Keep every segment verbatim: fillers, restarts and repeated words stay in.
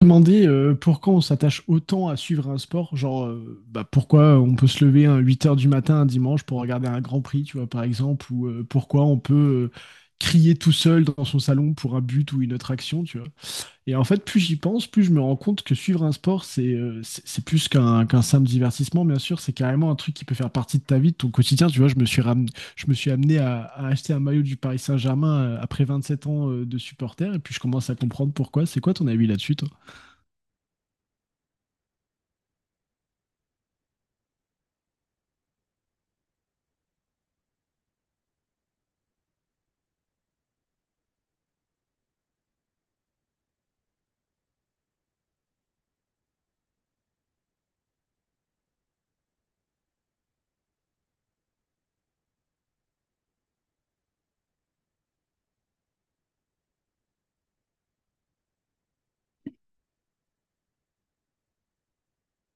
Demander euh, pourquoi on s'attache autant à suivre un sport, genre euh, bah, pourquoi on peut se lever à huit heures du matin un dimanche pour regarder un Grand Prix, tu vois, par exemple, ou euh, pourquoi on peut euh, crier tout seul dans son salon pour un but ou une autre action, tu vois. Et en fait, plus j'y pense, plus je me rends compte que suivre un sport, c'est euh, c'est c'est plus qu'un qu'un simple divertissement, bien sûr, c'est carrément un truc qui peut faire partie de ta vie, de ton quotidien, tu vois. Je me suis ram- je me suis amené à, à acheter un maillot du Paris Saint-Germain euh, après sept ans euh, de supporter, et puis je commence à comprendre pourquoi. C'est quoi ton avis là-dessus, toi?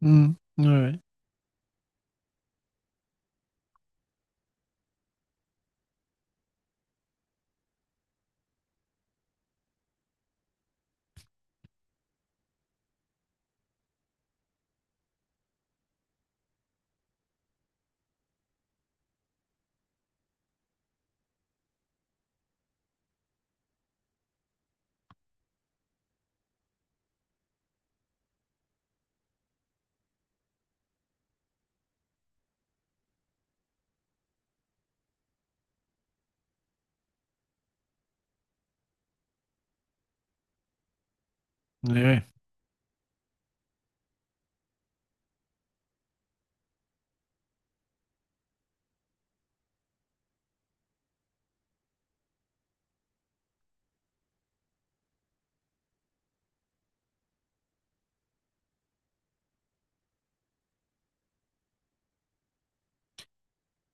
Mm. Ouais, ouais, ouais, ouais.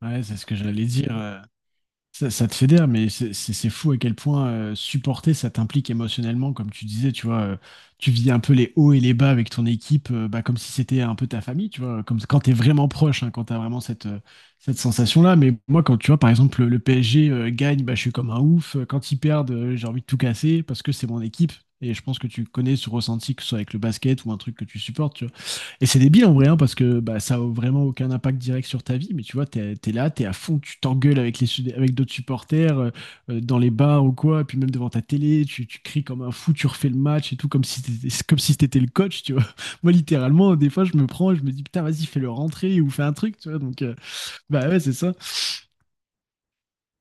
Ouais, c'est ce que j'allais dire. euh, Ça, ça te fédère, mais c'est c'est- c'est fou à quel point euh, supporter, ça t'implique émotionnellement, comme tu disais, tu vois, euh, tu vis un peu les hauts et les bas avec ton équipe, euh, bah, comme si c'était un peu ta famille, tu vois, comme quand t'es vraiment proche, hein, quand t'as vraiment cette, euh, cette sensation-là. Mais moi, quand tu vois, par exemple, le, le P S G euh, gagne, bah, je suis comme un ouf. Quand ils perdent, euh, j'ai envie de tout casser parce que c'est mon équipe. Et je pense que tu connais ce ressenti, que ce soit avec le basket ou un truc que tu supportes, et c'est débile en vrai, hein, parce que bah, ça a vraiment aucun impact direct sur ta vie, mais tu vois, t'es, t'es là, t'es à fond, tu t'engueules avec les, sud- avec d'autres supporters, euh, euh, dans les bars ou quoi, puis même devant ta télé, tu, tu cries comme un fou, tu refais le match et tout, comme si t'étais, c'est comme si t'étais le coach, tu vois. Moi, littéralement, des fois, je me prends, je me dis, putain, vas-y, fais-le rentrer ou fais un truc, tu vois, donc, euh, bah ouais, c'est ça.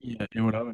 Et, euh, et voilà, ouais.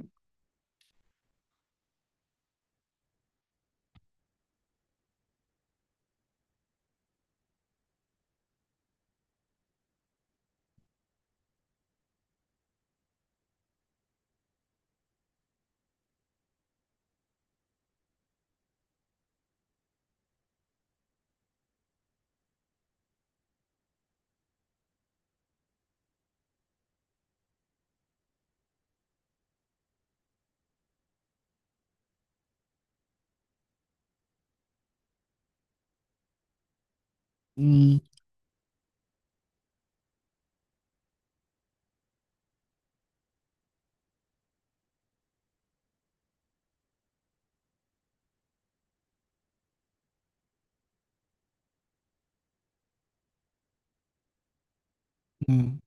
Mm, mm,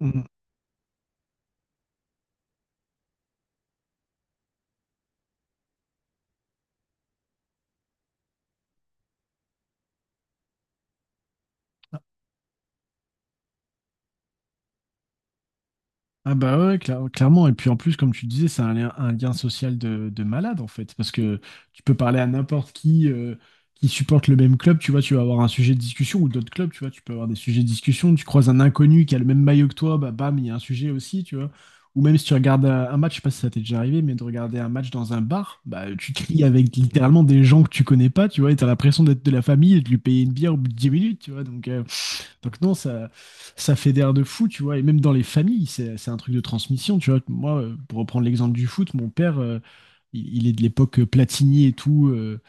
mm. Ah bah ouais, cla- clairement. Et puis en plus, comme tu disais, c'est un lien, un lien social de, de malade en fait. Parce que tu peux parler à n'importe qui euh, qui supporte le même club, tu vois, tu vas avoir un sujet de discussion ou d'autres clubs, tu vois, tu peux avoir des sujets de discussion. Tu croises un inconnu qui a le même maillot que toi, bah bam, il y a un sujet aussi, tu vois. Ou même si tu regardes un un match, je sais pas si ça t'est déjà arrivé, mais de regarder un match dans un bar, bah tu cries avec littéralement des gens que tu connais pas, tu vois, et t'as l'impression d'être de la famille et de lui payer une bière au bout de dix minutes, tu vois. Donc euh, donc non, ça, ça fédère de fou, tu vois. Et même dans les familles, c'est, c'est un truc de transmission, tu vois. Moi, euh, pour reprendre l'exemple du foot, mon père, euh, il, il est de l'époque euh, Platini et tout. euh,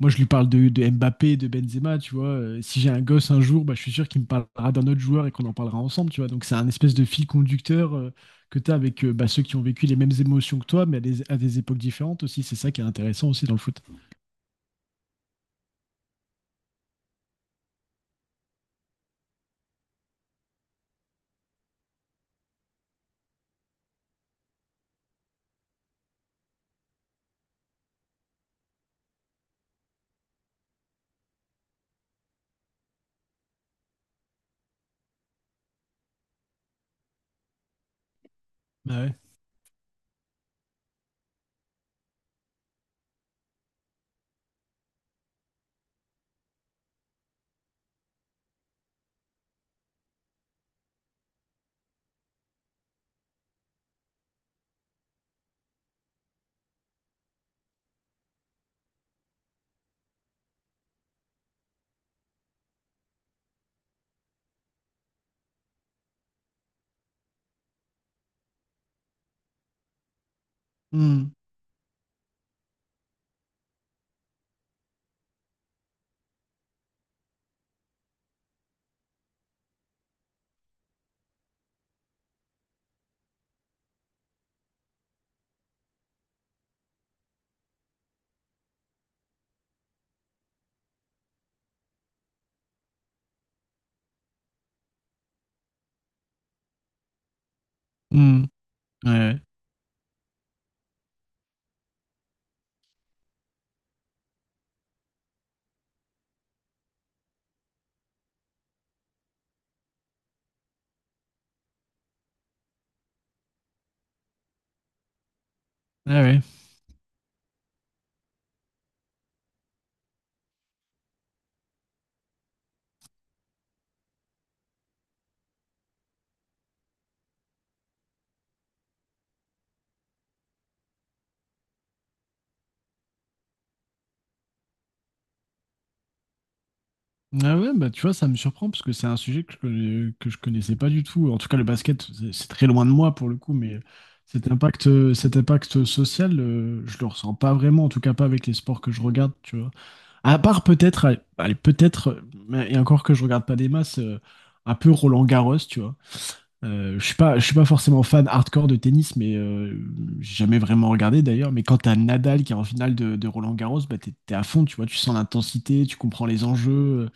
Moi, je lui parle de, de Mbappé, de Benzema, tu vois. Euh, si j'ai un gosse un jour, bah, je suis sûr qu'il me parlera d'un autre joueur et qu'on en parlera ensemble, tu vois. Donc c'est un espèce de fil conducteur euh, que tu as avec euh, bah, ceux qui ont vécu les mêmes émotions que toi, mais à des, à des époques différentes aussi. C'est ça qui est intéressant aussi dans le foot. Ah ouais. Hmm. Hmm. Ouais, ouais. Ah ouais. Ah ouais, bah tu vois, ça me surprend parce que c'est un sujet que je, connais- que je connaissais pas du tout. En tout cas, le basket, c'est c'est très loin de moi pour le coup, mais cet impact, euh, cet impact social, euh, je le ressens pas vraiment, en tout cas pas avec les sports que je regarde, tu vois. À part peut-être, allez, allez, peut-être, euh, mais- et encore que je regarde pas des masses, euh, un peu Roland-Garros, tu vois. Euh, je suis pas, je suis pas forcément fan hardcore de tennis, mais euh, j'ai jamais vraiment regardé d'ailleurs. Mais quand t'as Nadal qui est en finale de, de Roland-Garros, bah t'es t'es à fond, tu vois, tu sens l'intensité, tu comprends les enjeux,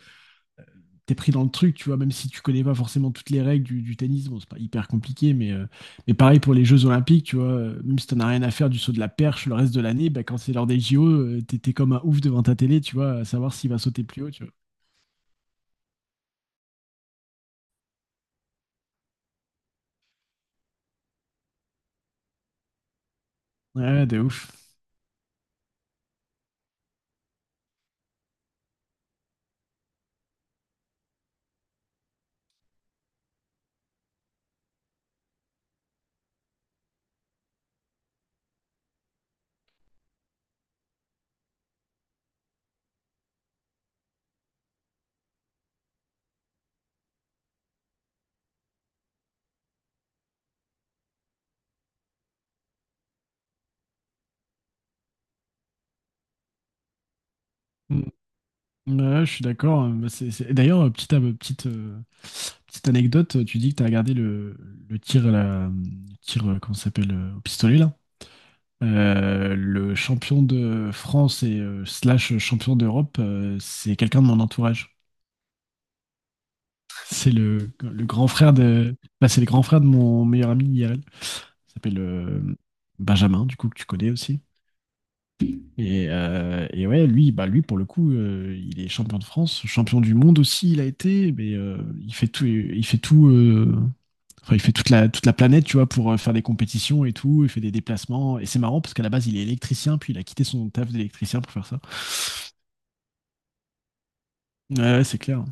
t'es pris dans le truc, tu vois, même si tu connais pas forcément toutes les règles du, du tennis, bon, c'est pas hyper compliqué, mais, euh, mais pareil pour les Jeux Olympiques, tu vois, euh, même si t'en as rien à faire du saut de la perche le reste de l'année, bah, quand c'est l'heure des J O, euh, t'es t'es comme un ouf devant ta télé, tu vois, à savoir s'il va sauter plus haut, tu vois. Ouais, de ouf. Mm. Ouais, je suis d'accord. Euh, bah, c'est- c'est- d'ailleurs, euh, petite, euh, petite, euh, petite anecdote, euh, tu dis que t'as regardé le, le tir, à la, le tir, euh, comment ça s'appelle, euh, au pistolet, là? Euh, le champion de France et euh, slash champion d'Europe, euh, c'est quelqu'un de mon entourage. C'est le, le grand frère de... Bah, c'est le grand frère de mon meilleur ami I R L. Il s'appelle euh, Benjamin, du coup, que tu connais aussi. Et, euh, et ouais, lui, bah, lui, pour le coup, euh, il est champion de France, champion du monde aussi, il a été, mais euh, il fait tout, il fait tout, euh, enfin, il fait toute la, toute la planète, tu vois, pour euh, faire des compétitions et tout. Il fait des déplacements. Et c'est marrant parce qu'à la base, il est électricien, puis il a quitté son taf d'électricien pour faire ça. Ouais, ouais, c'est clair.